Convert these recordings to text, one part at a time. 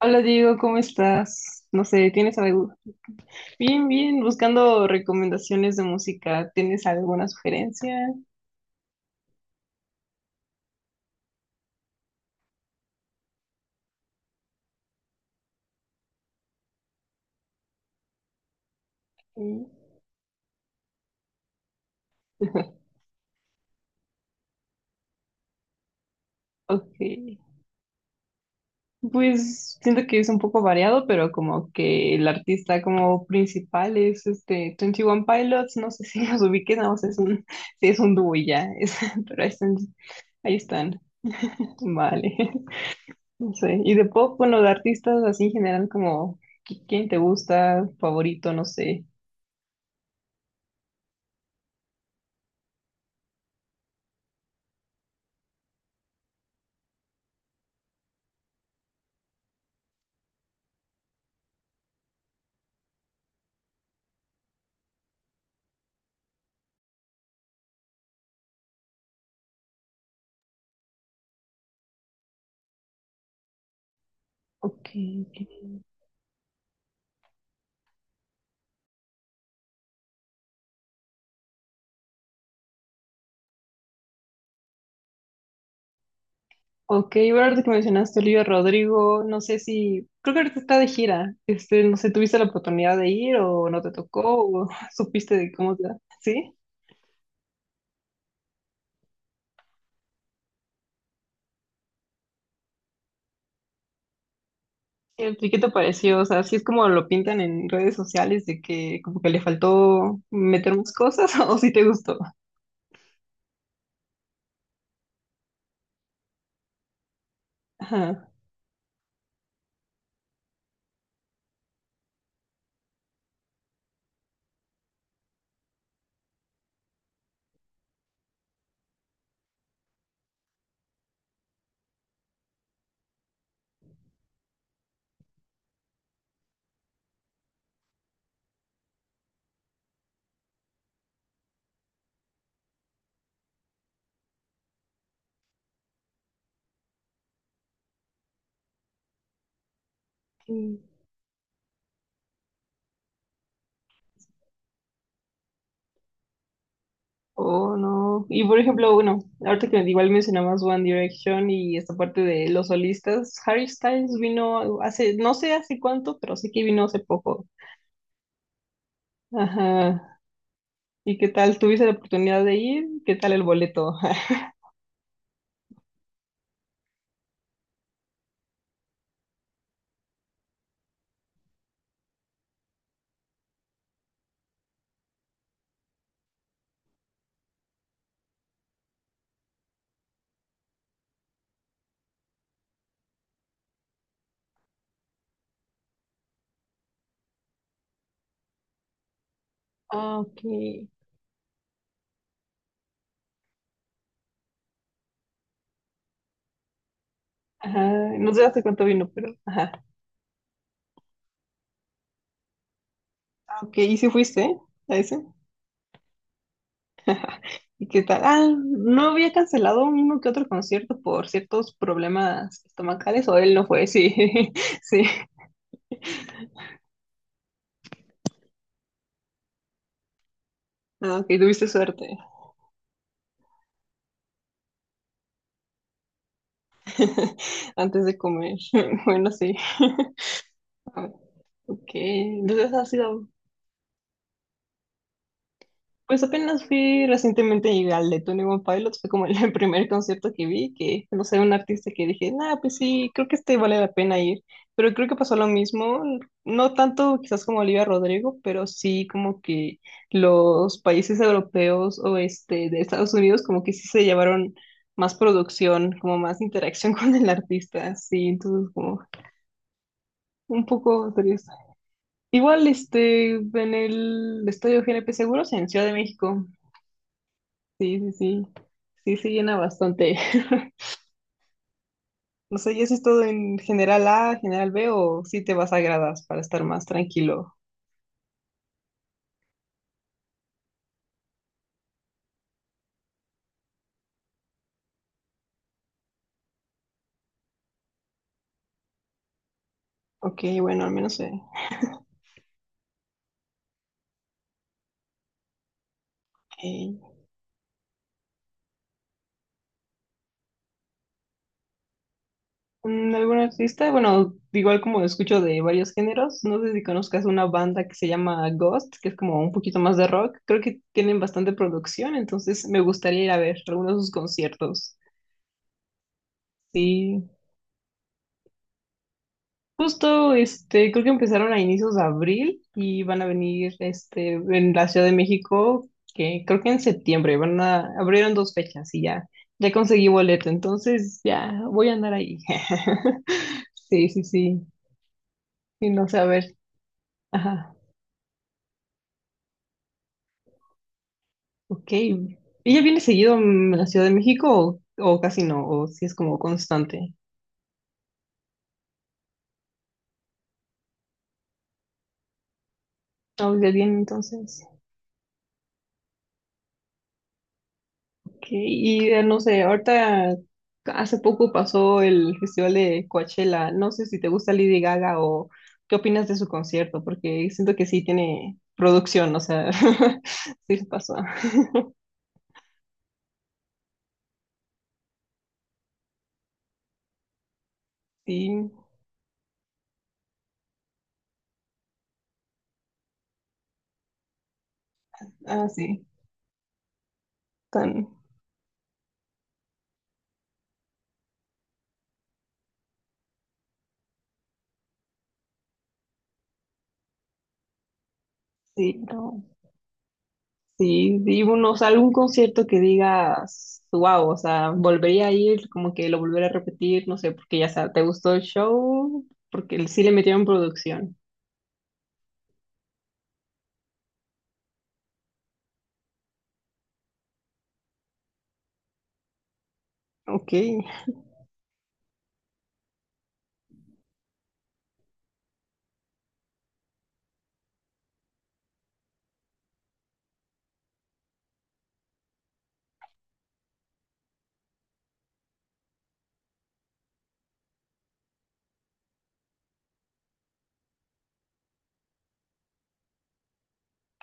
Hola Diego, ¿cómo estás? No sé, ¿tienes algo? Bien, bien, buscando recomendaciones de música. ¿Tienes alguna sugerencia? Mm. Ok. Pues siento que es un poco variado, pero como que el artista como principal es este Twenty One Pilots, no sé si los ubiques, no, sé, es un, sí, es un dúo y ya, es- pero ahí están, ahí están. Vale. No sé. Y de pop, bueno, de artistas así en general como ¿qui- ¿quién te gusta? Favorito, no sé. Ok. Ok. Ok, bueno, ahorita que mencionaste a Olivia Rodrigo, no sé si, creo que ahorita está de gira, este, no sé, ¿tuviste la oportunidad de ir o no te tocó o supiste de cómo te va? ¿Sí? ¿Y qué te pareció? O sea, sí es como lo pintan en redes sociales de que como que le faltó meter más cosas o si te gustó. Ajá. Mm. Oh, no. Y por ejemplo, bueno, ahorita que igual mencionabas One Direction y esta parte de los solistas, Harry Styles vino hace, no sé hace cuánto, pero sé que vino hace poco. Ajá. ¿Y qué tal? ¿Tuviste la oportunidad de ir? ¿Qué tal el boleto? Ah, ok. Ajá, no sé hace cuánto vino, pero ajá. Ah, ok, ¿y si fuiste a ese? ¿Y qué tal? Ah, ¿no había cancelado uno que otro concierto por ciertos problemas estomacales o él no fue? Sí, sí. Ah, ok, tuviste suerte antes de comer. Bueno, sí. Ah, ok, entonces has ido. Pues apenas fui recientemente al de Tony One Pilots, fue como el primer concierto que vi, que no sé, un artista que dije, nah, pues sí, creo que este vale la pena ir, pero creo que pasó lo mismo, no tanto quizás como Olivia Rodrigo, pero sí como que los países europeos o este de Estados Unidos como que sí se llevaron más producción, como más interacción con el artista, sí, entonces como un poco triste. Igual este en el Estadio GNP Seguros en Ciudad de México. Sí, sí, sí. Sí, se llena bastante. No sé, ¿y eso es todo en general A, general B o si te vas a gradas para estar más tranquilo? Ok, bueno, al menos sé. Ok. Mm, ¿algún artista? Bueno, igual como escucho de varios géneros, no sé si conozcas una banda que se llama Ghost, que es como un poquito más de rock. Creo que tienen bastante producción, entonces me gustaría ir a ver algunos de sus conciertos. Sí. Justo, este, creo que empezaron a inicios de abril y van a venir, este, en la Ciudad de México, que creo que en septiembre van a, abrieron dos fechas y ya, ya conseguí boleto, entonces ya voy a andar ahí. Sí, sí, sí, y no sé, a ver, ajá, ok. ¿Ella viene seguido mm, a la Ciudad de México o casi no? ¿O si es como constante? No, ya viene entonces. Ok, y no sé, ahorita hace poco pasó el festival de Coachella. No sé si te gusta Lady Gaga o qué opinas de su concierto, porque siento que sí tiene producción, o sea, sí se pasó. Sí, ah, sí, tan, sí, no, sí, y uno, o sea, algún concierto que digas, wow, o sea, volvería a ir, como que lo volvería a repetir, no sé, porque ya sea, ¿te gustó el show? Porque sí le metieron producción. Ok.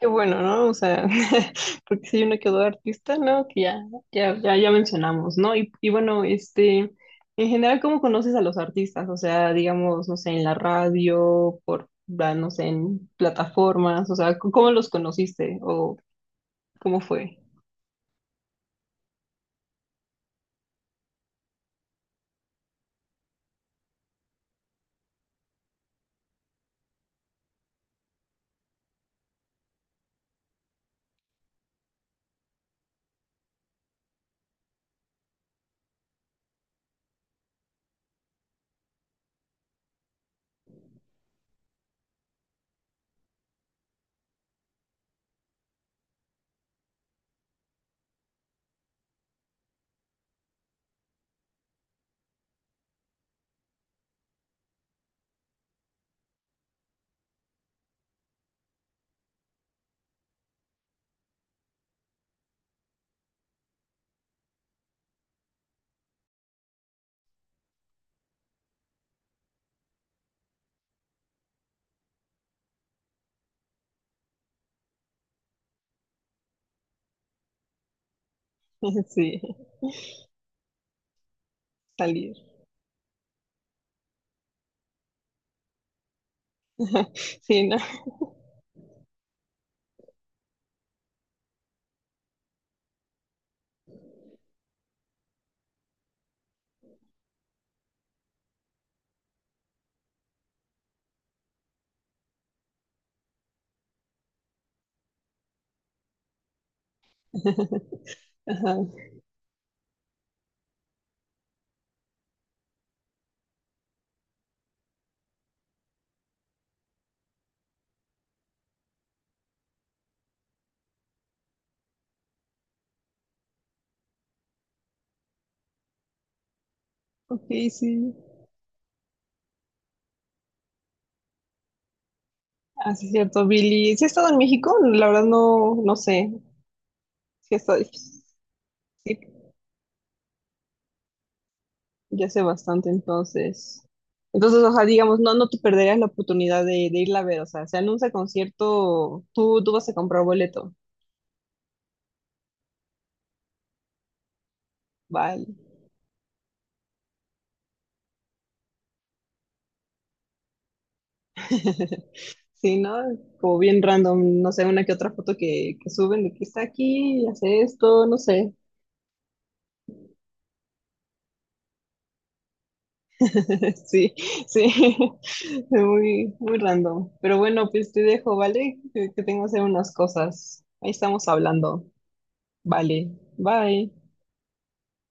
Qué bueno, ¿no? O sea, porque si hay uno que otro artista, ¿no? Que ya, ya mencionamos, ¿no? Y bueno, este, en general, ¿cómo conoces a los artistas? O sea, digamos, no sé, en la radio, por, ah, no sé, en plataformas, o sea, ¿cómo los conociste? ¿O cómo fue? Sí, salir. Sí, ¿no? Ajá. Ok, sí. Ah, sí es cierto, Billy. ¿Sí ha estado en México? La verdad no, no sé. Sí ha estado, sí, ya sé bastante, entonces. Entonces, o sea, digamos, no, no te perderías la oportunidad de irla a ver. O sea, se anuncia concierto, tú vas a comprar boleto. Vale. Sí, ¿no? Como bien random, no sé, una que otra foto que suben de que está aquí, hace esto, no sé. Sí, sí, muy, muy random. Pero bueno, pues te dejo, ¿vale? Que tengo que hacer unas cosas. Ahí estamos hablando. Vale, bye.